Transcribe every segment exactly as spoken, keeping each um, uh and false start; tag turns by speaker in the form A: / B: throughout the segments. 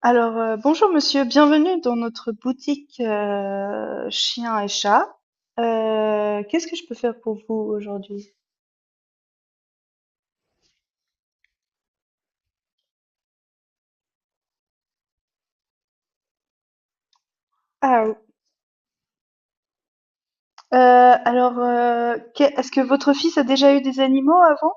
A: Alors, euh, bonjour monsieur, bienvenue dans notre boutique euh, chiens et chats. Euh, qu'est-ce que je peux faire pour vous aujourd'hui? Ah, oui. euh, alors, euh, que- est-ce que votre fils a déjà eu des animaux avant?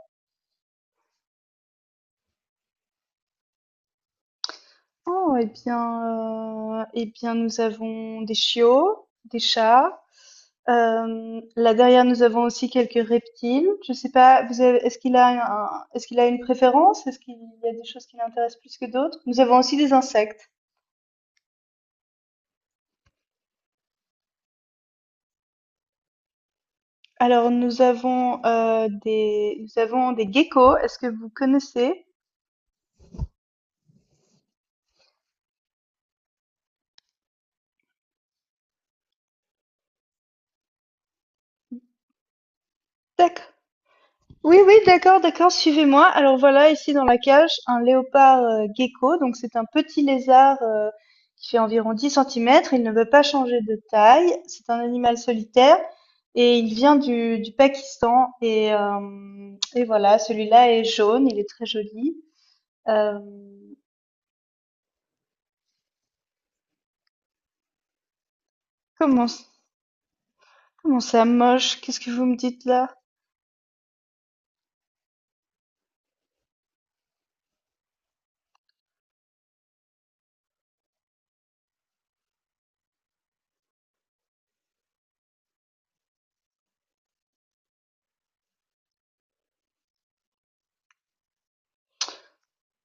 A: Oh, eh bien, euh, eh bien, nous avons des chiots, des chats. Euh, là derrière, nous avons aussi quelques reptiles. Je sais pas, vous avez, est-ce qu'il a un, est-ce qu'il a une préférence? Est-ce qu'il y a des choses qui l'intéressent plus que d'autres? Nous avons aussi des insectes. Alors, nous avons, heu, des nous avons des geckos. Est-ce que vous connaissez? D'acc oui, oui, d'accord, d'accord, suivez-moi. Alors voilà, ici dans la cage, un léopard, heu, gecko. Donc c'est un petit lézard, heu, qui fait environ dix centimètres. Il ne veut pas changer de taille. C'est un animal solitaire et il vient du du Pakistan et hem et voilà, celui-là est jaune, il est très joli. Hem, comment comment ça moche? Qu'est-ce que vous me dites là?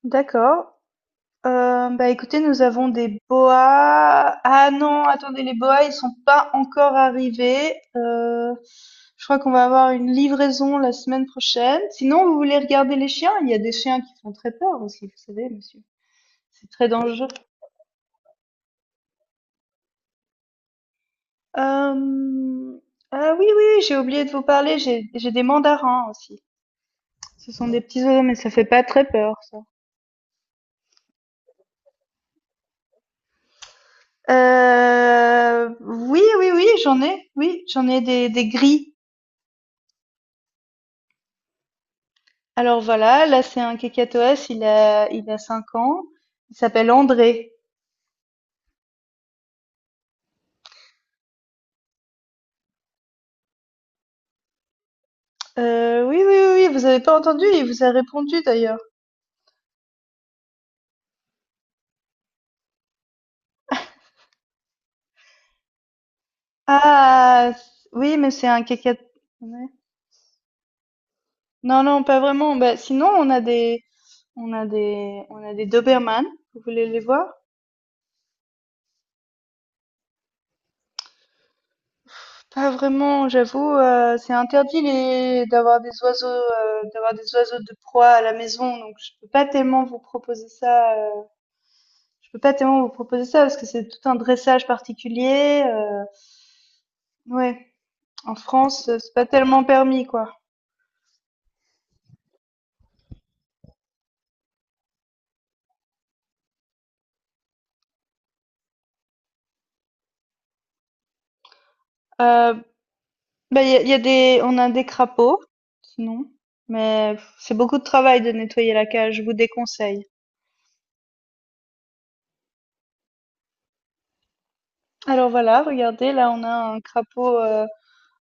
A: D'accord. Euh, bah écoutez, nous avons des boas. Ah non, attendez, les boas, ils sont pas encore arrivés. Euh, je crois qu'on va avoir une livraison la semaine prochaine. Sinon, vous voulez regarder les chiens? Il y a des chiens qui font très peur aussi, vous savez, monsieur. C'est très dangereux. Euh, Ah oui, oui, j'ai oublié de vous parler. J'ai, j'ai des mandarins aussi. Ce sont des petits oiseaux, mais ça fait pas très peur, ça. Euh, oui, oui, oui, j'en ai. Oui, j'en ai des, des gris. Alors voilà, là c'est un kakatoès, il a il a cinq ans, il s'appelle André. Heu, oui, oui, oui, oui, vous avez pas entendu? Il vous a répondu d'ailleurs. Ah! C oui, mais c'est un kakat ouais. Non, non, pas vraiment. Bah, sinon on a des on a des on a des Doberman. Vous voulez les voir? Pas vraiment, j'avoue, heu, c'est interdit les d'avoir des oiseaux, heu, d'avoir des oiseaux de proie à la maison, donc je peux pas tellement vous proposer ça. heu Je peux pas tellement vous proposer ça parce que c'est tout un dressage particulier. euh, ouais, En France, euh, c'est pas tellement permis quoi. Euh, bah il y a, il y a des, on a des crapauds, sinon, mais pff, c'est beaucoup de travail de nettoyer la cage. Je vous déconseille. Alors voilà, regardez, là on a un crapaud, euh,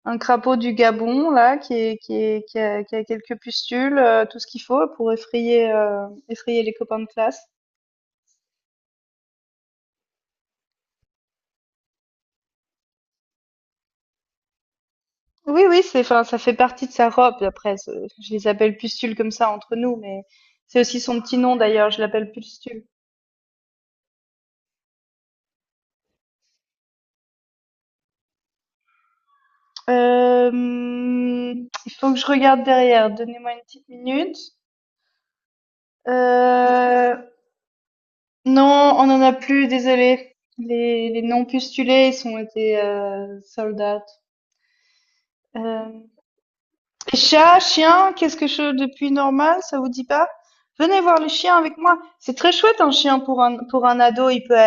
A: un crapaud du Gabon là qui est, qui est, qui a, qui a quelques pustules, euh, tout ce qu'il faut pour effrayer, euh, effrayer les copains de classe. Oui, oui, c'est, enfin, ça fait partie de sa robe. Après, c'est- je les appelle pustules comme ça entre nous, mais c'est aussi son petit nom d'ailleurs. Je l'appelle pustule. Euh, hum, il faut que je regarde derrière. Donnez-moi une petite minute. Euh, non, on en a plus. Désolé. Les, les non pustulés, ils sont été euh, sold out. Euh, C'est chat, chien, qu'est-ce que je depuis normal, ça vous dit pas? Venez voir les chiens avec moi. C'est très chouette un chien pour un pour un ado. Il peut,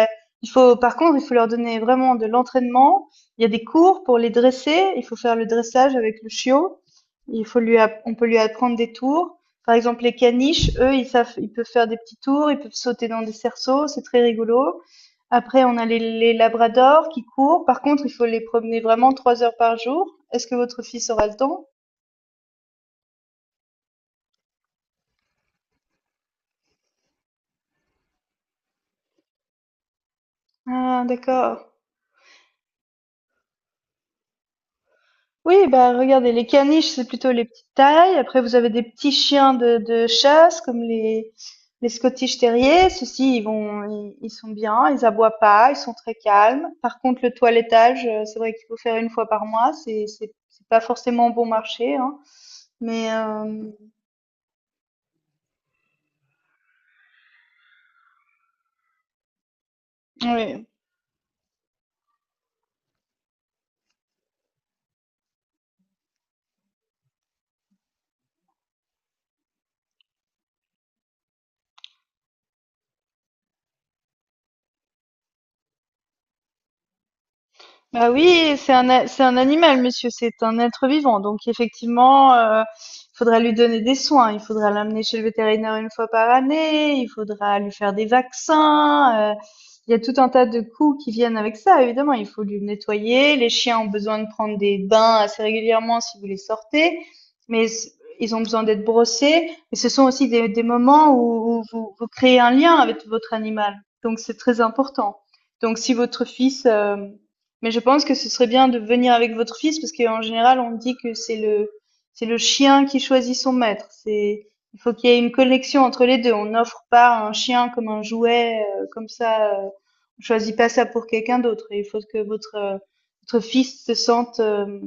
A: il faut par contre, il faut leur donner vraiment de l'entraînement. Il y a des cours pour les dresser. Il faut faire le dressage avec le chiot. Il faut lui, app- on peut lui apprendre des tours. Par exemple, les caniches, eux, ils savent, ils peuvent faire des petits tours. Ils peuvent sauter dans des cerceaux. C'est très rigolo. Après, on a les, les labradors qui courent. Par contre, il faut les promener vraiment trois heures par jour. Est-ce que votre fils aura le temps? Ah d'accord. Oui, bah, regardez, les caniches, c'est plutôt les petites tailles. Après, vous avez des petits chiens de, de chasse, comme les, les Scottish Terriers. Ceux-ci, ils vont, ils, ils sont bien, ils aboient pas, ils sont très calmes. Par contre, le toilettage, euh, c'est vrai qu'il faut faire une fois par mois. C'est, c'est, c'est pas forcément bon marché, hein. Mais, euh, oui. Bah oui, c'est un, a- c'est un animal, monsieur, c'est un être vivant. Donc effectivement, euh, il faudra lui donner des soins, il faudra l'amener chez le vétérinaire une fois par année, il faudra lui faire des vaccins. Euh, il y a tout un tas de coûts qui viennent avec ça, évidemment. Il faut lui nettoyer. Les chiens ont besoin de prendre des bains assez régulièrement si vous les sortez, mais c- ils ont besoin d'être brossés. Et ce sont aussi des, des moments où, où vous, vous créez un lien avec votre animal. Donc c'est très important. Donc si votre fils... euh, mais je pense que ce serait bien de venir avec votre fils parce qu'en général, on dit que c'est le, c'est le chien qui choisit son maître. C'est, il faut qu'il y ait une connexion entre les deux. On n'offre pas un chien comme un jouet, euh, comme ça. euh, on choisit pas ça pour quelqu'un d'autre. Il faut que votre, euh, votre fils se sente, euh,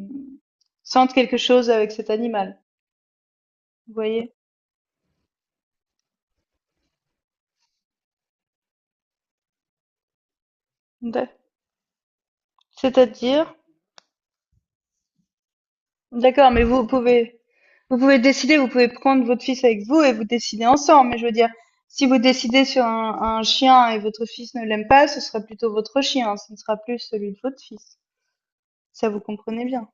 A: sente quelque chose avec cet animal. Vous voyez? Ouais. C'est-à-dire, D'accord, mais vous pouvez, vous pouvez décider, vous pouvez prendre votre fils avec vous et vous décider ensemble. Mais je veux dire, si vous décidez sur un, un chien et votre fils ne l'aime pas, ce sera plutôt votre chien, ce ne sera plus celui de votre fils. Ça, vous comprenez bien.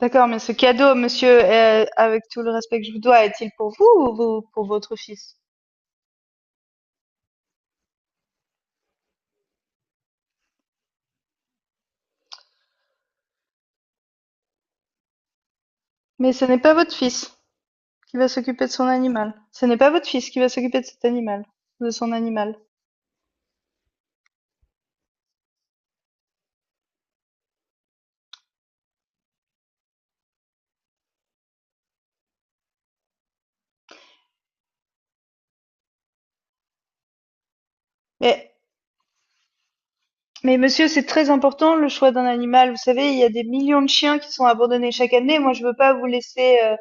A: D'accord, mais ce cadeau, monsieur, euh, avec tout le respect que je vous dois, est-il pour vous ou vous- pour votre fils? Mais ce n'est pas votre fils qui va s'occuper de son animal. Ce n'est pas votre fils qui va s'occuper de cet animal, de son animal. Mais Mais monsieur, c'est très important le choix d'un animal. Vous savez, il y a des millions de chiens qui sont abandonnés chaque année. Moi, je veux pas vous laisser euh,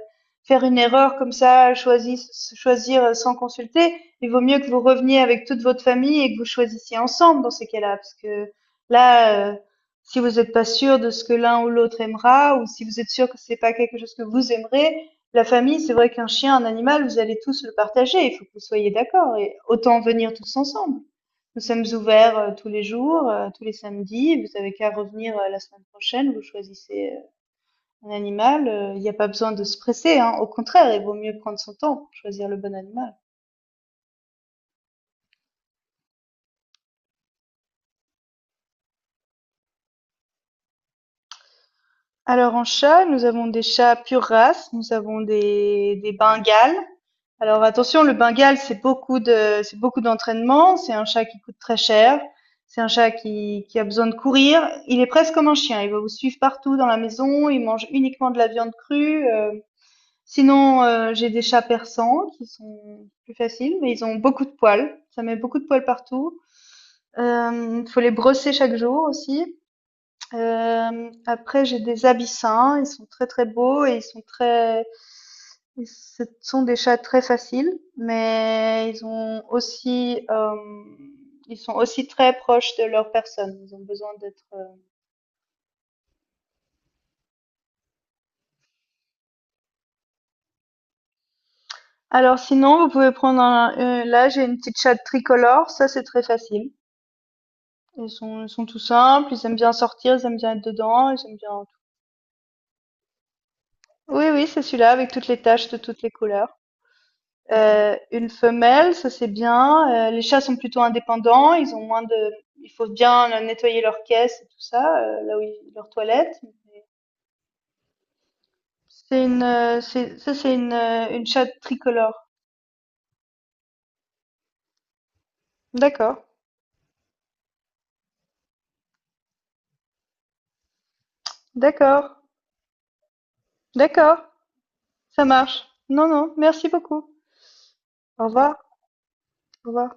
A: faire une erreur comme ça, choisir, choisir euh, sans consulter. Il vaut mieux que vous reveniez avec toute votre famille et que vous choisissiez ensemble dans ces cas-là, parce que là, euh, si vous n'êtes pas sûr de ce que l'un ou l'autre aimera, ou si vous êtes sûr que c'est pas quelque chose que vous aimerez, la famille, c'est vrai qu'un chien, un animal, vous allez tous le partager. Il faut que vous soyez d'accord et autant venir tous ensemble. Nous sommes ouverts euh, tous les jours, euh, tous les samedis. Vous avez qu'à revenir euh, la semaine prochaine. Vous choisissez euh, un animal. Euh, Il n'y a pas besoin de se presser, hein. Au contraire, il vaut mieux prendre son temps pour choisir le bon animal. Alors en chat, nous avons des chats pure race. Nous avons des des Bengales. Alors attention, le Bengal c'est beaucoup de c'est beaucoup d'entraînement. C'est un chat qui coûte très cher. C'est un chat qui, qui a besoin de courir. Il est presque comme un chien. Il va vous suivre partout dans la maison. Il mange uniquement de la viande crue. euh, Sinon, heu, j'ai des chats persans qui sont plus faciles, mais ils ont beaucoup de poils. Ça met beaucoup de poils partout. Hem, faut les brosser chaque jour aussi. Hem, après j'ai des abyssins, ils sont très, très beaux et ils sont très ils ce sont des chats très faciles, mais ils ont aussi, hem, ils sont aussi très proches de leur personne. Ils ont besoin d'être, heu Alors sinon, vous pouvez prendre un, heu là j'ai une petite chatte tricolore, ça c'est très facile. Ils sont ils sont tout simples, ils aiment bien sortir, ils aiment bien être dedans, ils aiment bien tout. Oui, oui, c'est celui-là avec toutes les taches de toutes les couleurs. Euh, une femelle, ça c'est bien. Euh, les chats sont plutôt indépendants, ils ont moins de, il faut bien euh, nettoyer leur caisse et tout ça, euh, là où ils- leur toilette. C'est une, euh, c'est, ça c'est une, euh, une chatte tricolore. D'accord, d'accord, d'accord, ça marche. Non, non, merci beaucoup. Au revoir, au revoir.